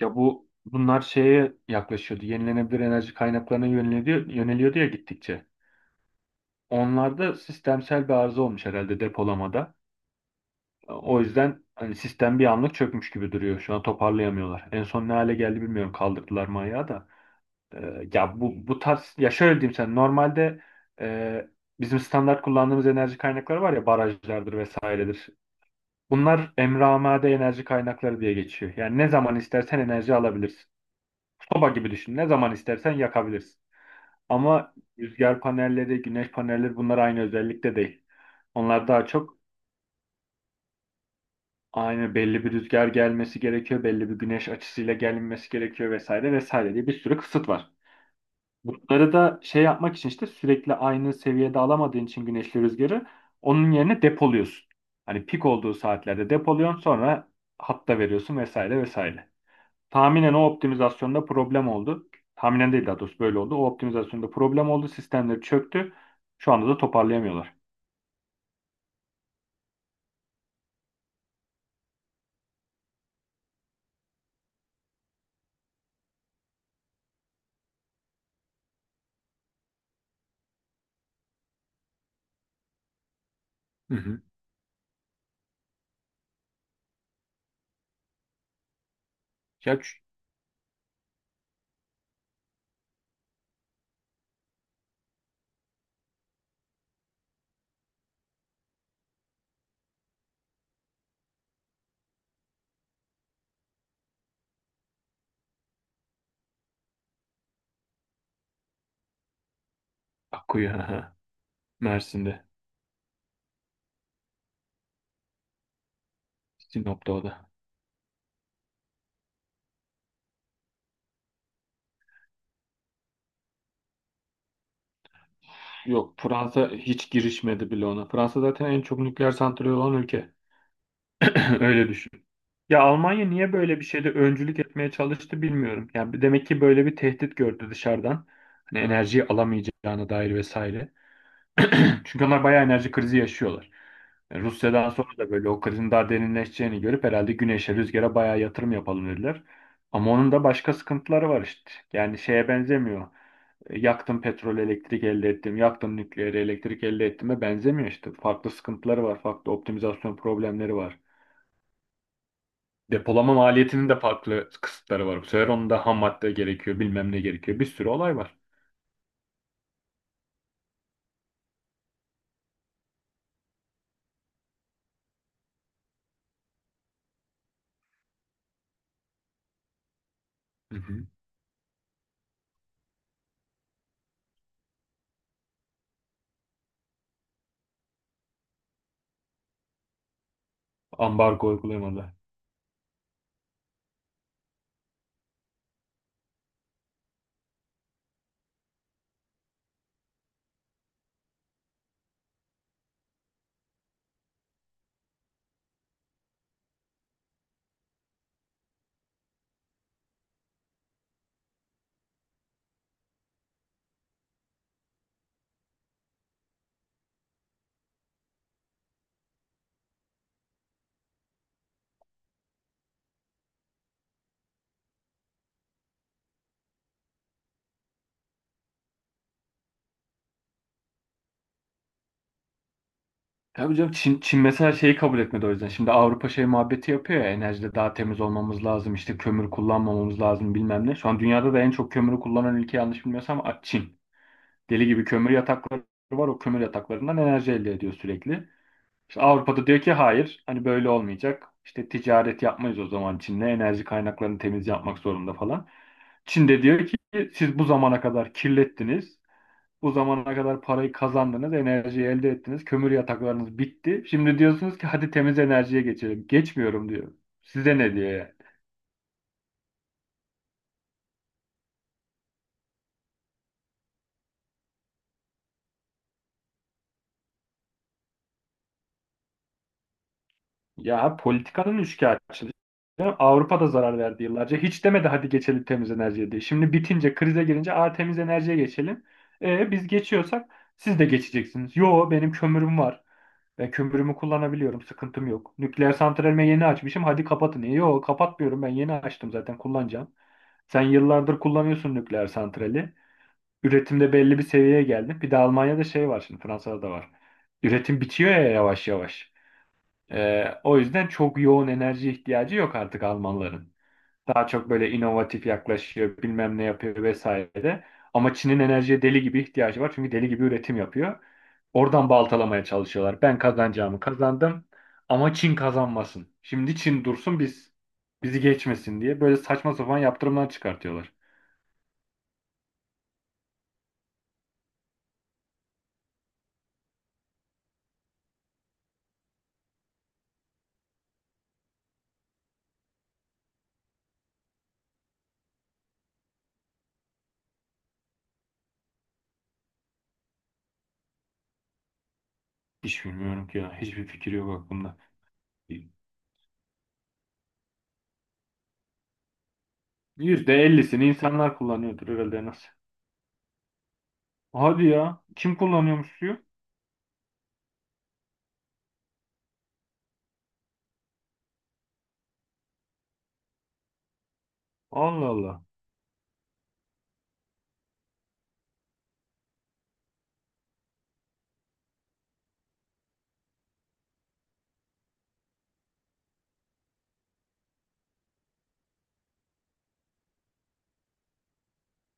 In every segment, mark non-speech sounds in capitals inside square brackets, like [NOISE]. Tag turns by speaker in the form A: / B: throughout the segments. A: Ya bunlar şeye yaklaşıyordu. Yenilenebilir enerji kaynaklarına yöneliyordu ya gittikçe. Onlarda sistemsel bir arıza olmuş herhalde depolamada. O yüzden hani sistem bir anlık çökmüş gibi duruyor. Şu an toparlayamıyorlar. En son ne hale geldi bilmiyorum. Kaldırdılar mı ayağı da. Ya bu tarz ya şöyle diyeyim sen normalde e, bizim standart kullandığımız enerji kaynakları var ya barajlardır vesairedir. Bunlar emre amade enerji kaynakları diye geçiyor. Yani ne zaman istersen enerji alabilirsin. Soba gibi düşün. Ne zaman istersen yakabilirsin. Ama rüzgar panelleri, güneş panelleri bunlar aynı özellikte değil. Onlar daha çok aynı belli bir rüzgar gelmesi gerekiyor, belli bir güneş açısıyla gelinmesi gerekiyor vesaire vesaire diye bir sürü kısıt var. Bunları da şey yapmak için işte sürekli aynı seviyede alamadığın için güneşli rüzgarı onun yerine depoluyorsun. Hani pik olduğu saatlerde depoluyorsun sonra hatta veriyorsun vesaire vesaire. Tahminen o optimizasyonda problem oldu. Tahminen değil daha doğrusu böyle oldu. O optimizasyonda problem oldu. Sistemleri çöktü. Şu anda da toparlayamıyorlar. Hı hı. Ya akıyor [LAUGHS] Mersin'de. Sinop'ta o da. Yok Fransa hiç girişmedi bile ona. Fransa zaten en çok nükleer santrali olan ülke. [CLEARS THROAT] Öyle düşün. Ya Almanya niye böyle bir şeyde öncülük etmeye çalıştı bilmiyorum. Yani demek ki böyle bir tehdit gördü dışarıdan. Hani enerjiyi alamayacağına dair vesaire. [CLEARS THROAT] Çünkü onlar bayağı enerji krizi yaşıyorlar. Yani Rusya'dan sonra da böyle o krizin daha derinleşeceğini görüp herhalde güneşe, rüzgara bayağı yatırım yapalım dediler. Ama onun da başka sıkıntıları var işte. Yani şeye benzemiyor. Yaktım petrol, elektrik elde ettim. Yaktım nükleer, elektrik elde ettiğime benzemiyor işte. Farklı sıkıntıları var, farklı optimizasyon problemleri var. Depolama maliyetinin de farklı kısıtları var. Bu sefer onun da ham madde gerekiyor, bilmem ne gerekiyor. Bir sürü olay var. Hı hı. Ambargo uygulayamadı. Tabii canım Çin mesela şeyi kabul etmedi o yüzden. Şimdi Avrupa şey muhabbeti yapıyor ya enerjide daha temiz olmamız lazım işte kömür kullanmamamız lazım bilmem ne. Şu an dünyada da en çok kömürü kullanan ülke yanlış bilmiyorsam Çin. Deli gibi kömür yatakları var o kömür yataklarından enerji elde ediyor sürekli. İşte Avrupa'da diyor ki hayır hani böyle olmayacak. İşte ticaret yapmayız o zaman Çin'le enerji kaynaklarını temiz yapmak zorunda falan. Çin de diyor ki siz bu zamana kadar kirlettiniz. Bu zamana kadar parayı kazandınız, enerjiyi elde ettiniz, kömür yataklarınız bitti. Şimdi diyorsunuz ki hadi temiz enerjiye geçelim. Geçmiyorum diyor. Size ne diyor yani? Ya politikanın üçkağıtçılığı. Avrupa'da zarar verdi yıllarca. Hiç demedi hadi geçelim temiz enerjiye diye. Şimdi bitince, krize girince a temiz enerjiye geçelim. Biz geçiyorsak siz de geçeceksiniz. Yo benim kömürüm var. Ben kömürümü kullanabiliyorum. Sıkıntım yok. Nükleer santralimi yeni açmışım. Hadi kapatın. Yo kapatmıyorum. Ben yeni açtım zaten kullanacağım. Sen yıllardır kullanıyorsun nükleer santrali. Üretimde belli bir seviyeye geldin. Bir de Almanya'da şey var şimdi Fransa'da da var. Üretim bitiyor ya yavaş yavaş. O yüzden çok yoğun enerji ihtiyacı yok artık Almanların. Daha çok böyle inovatif yaklaşıyor, bilmem ne yapıyor vesaire. Ama Çin'in enerjiye deli gibi ihtiyacı var. Çünkü deli gibi üretim yapıyor. Oradan baltalamaya çalışıyorlar. Ben kazanacağımı kazandım ama Çin kazanmasın. Şimdi Çin dursun bizi geçmesin diye böyle saçma sapan yaptırımlar çıkartıyorlar. Hiç bilmiyorum ki ya. Hiçbir fikir yok aklımda. %50'sini insanlar kullanıyordur herhalde nasıl? Hadi ya. Kim kullanıyormuş suyu? Allah Allah.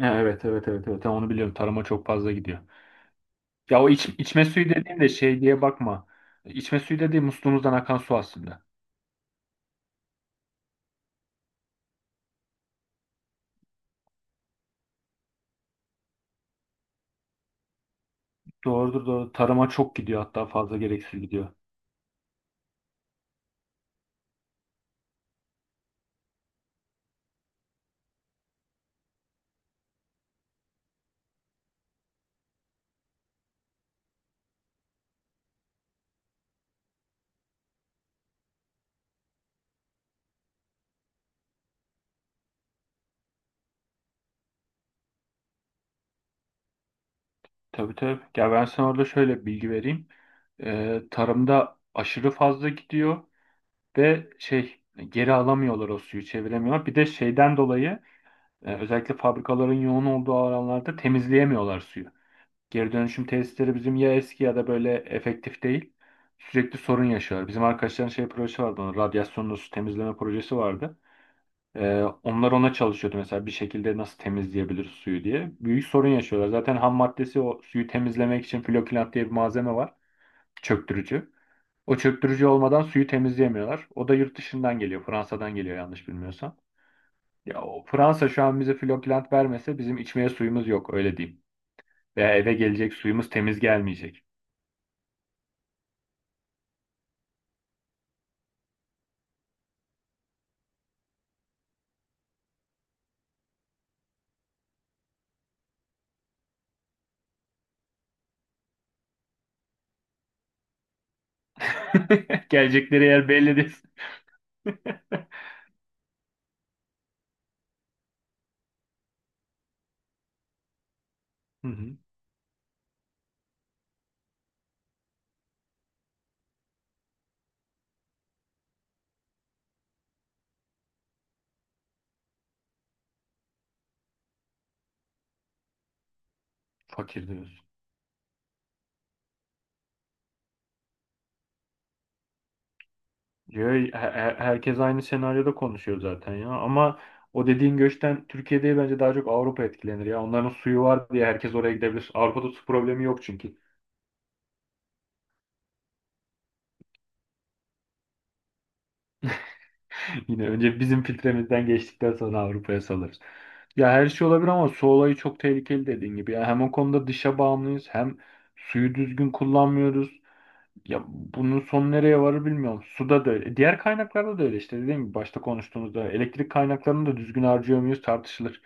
A: Ha, evet, evet, evet, evet. Ha, onu biliyorum. Tarıma çok fazla gidiyor. Ya içme suyu dediğim de şey diye bakma. İçme suyu dediğim musluğumuzdan akan su aslında. Doğrudur doğru. Tarıma çok gidiyor hatta fazla gereksiz gidiyor. Tabii tabii. Ya ben sana orada şöyle bilgi vereyim. Tarımda aşırı fazla gidiyor. De şey geri alamıyorlar o suyu çeviremiyorlar. Bir de şeyden dolayı özellikle fabrikaların yoğun olduğu alanlarda temizleyemiyorlar suyu. Geri dönüşüm tesisleri bizim ya eski ya da böyle efektif değil. Sürekli sorun yaşıyorlar. Bizim arkadaşların şey projesi vardı. Onun radyasyonlu su temizleme projesi vardı. Onlar ona çalışıyordu mesela bir şekilde nasıl temizleyebiliriz suyu diye. Büyük sorun yaşıyorlar. Zaten ham maddesi o suyu temizlemek için flokilant diye bir malzeme var. Çöktürücü. O çöktürücü olmadan suyu temizleyemiyorlar. O da yurt dışından geliyor. Fransa'dan geliyor yanlış bilmiyorsam. Ya o Fransa şu an bize Flokland vermese bizim içmeye suyumuz yok öyle diyeyim. Veya eve gelecek suyumuz temiz gelmeyecek. [LAUGHS] Gelecekleri yer belli değil. Hı hı. Fakir diyorsun. Yo, herkes aynı senaryoda konuşuyor zaten ya. Ama o dediğin göçten Türkiye'de bence daha çok Avrupa etkilenir ya. Onların suyu var diye herkes oraya gidebilir. Avrupa'da su problemi yok çünkü. [LAUGHS] Yine önce bizim filtremizden geçtikten sonra Avrupa'ya salarız. Ya her şey olabilir ama su olayı çok tehlikeli dediğin gibi. Ya hem o konuda dışa bağımlıyız hem suyu düzgün kullanmıyoruz. Ya bunun son nereye varır bilmiyorum. Suda da öyle. Diğer kaynaklarda da öyle işte dediğim gibi başta konuştuğumuzda elektrik kaynaklarını da düzgün harcıyor muyuz tartışılır.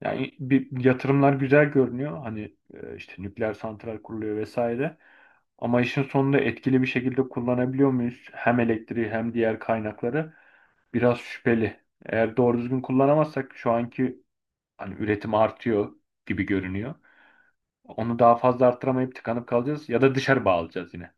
A: Yani bir yatırımlar güzel görünüyor. Hani işte nükleer santral kuruluyor vesaire. Ama işin sonunda etkili bir şekilde kullanabiliyor muyuz? Hem elektriği hem diğer kaynakları biraz şüpheli. Eğer doğru düzgün kullanamazsak şu anki hani üretim artıyor gibi görünüyor. Onu daha fazla arttıramayıp tıkanıp kalacağız ya da dışarı bağlayacağız yine.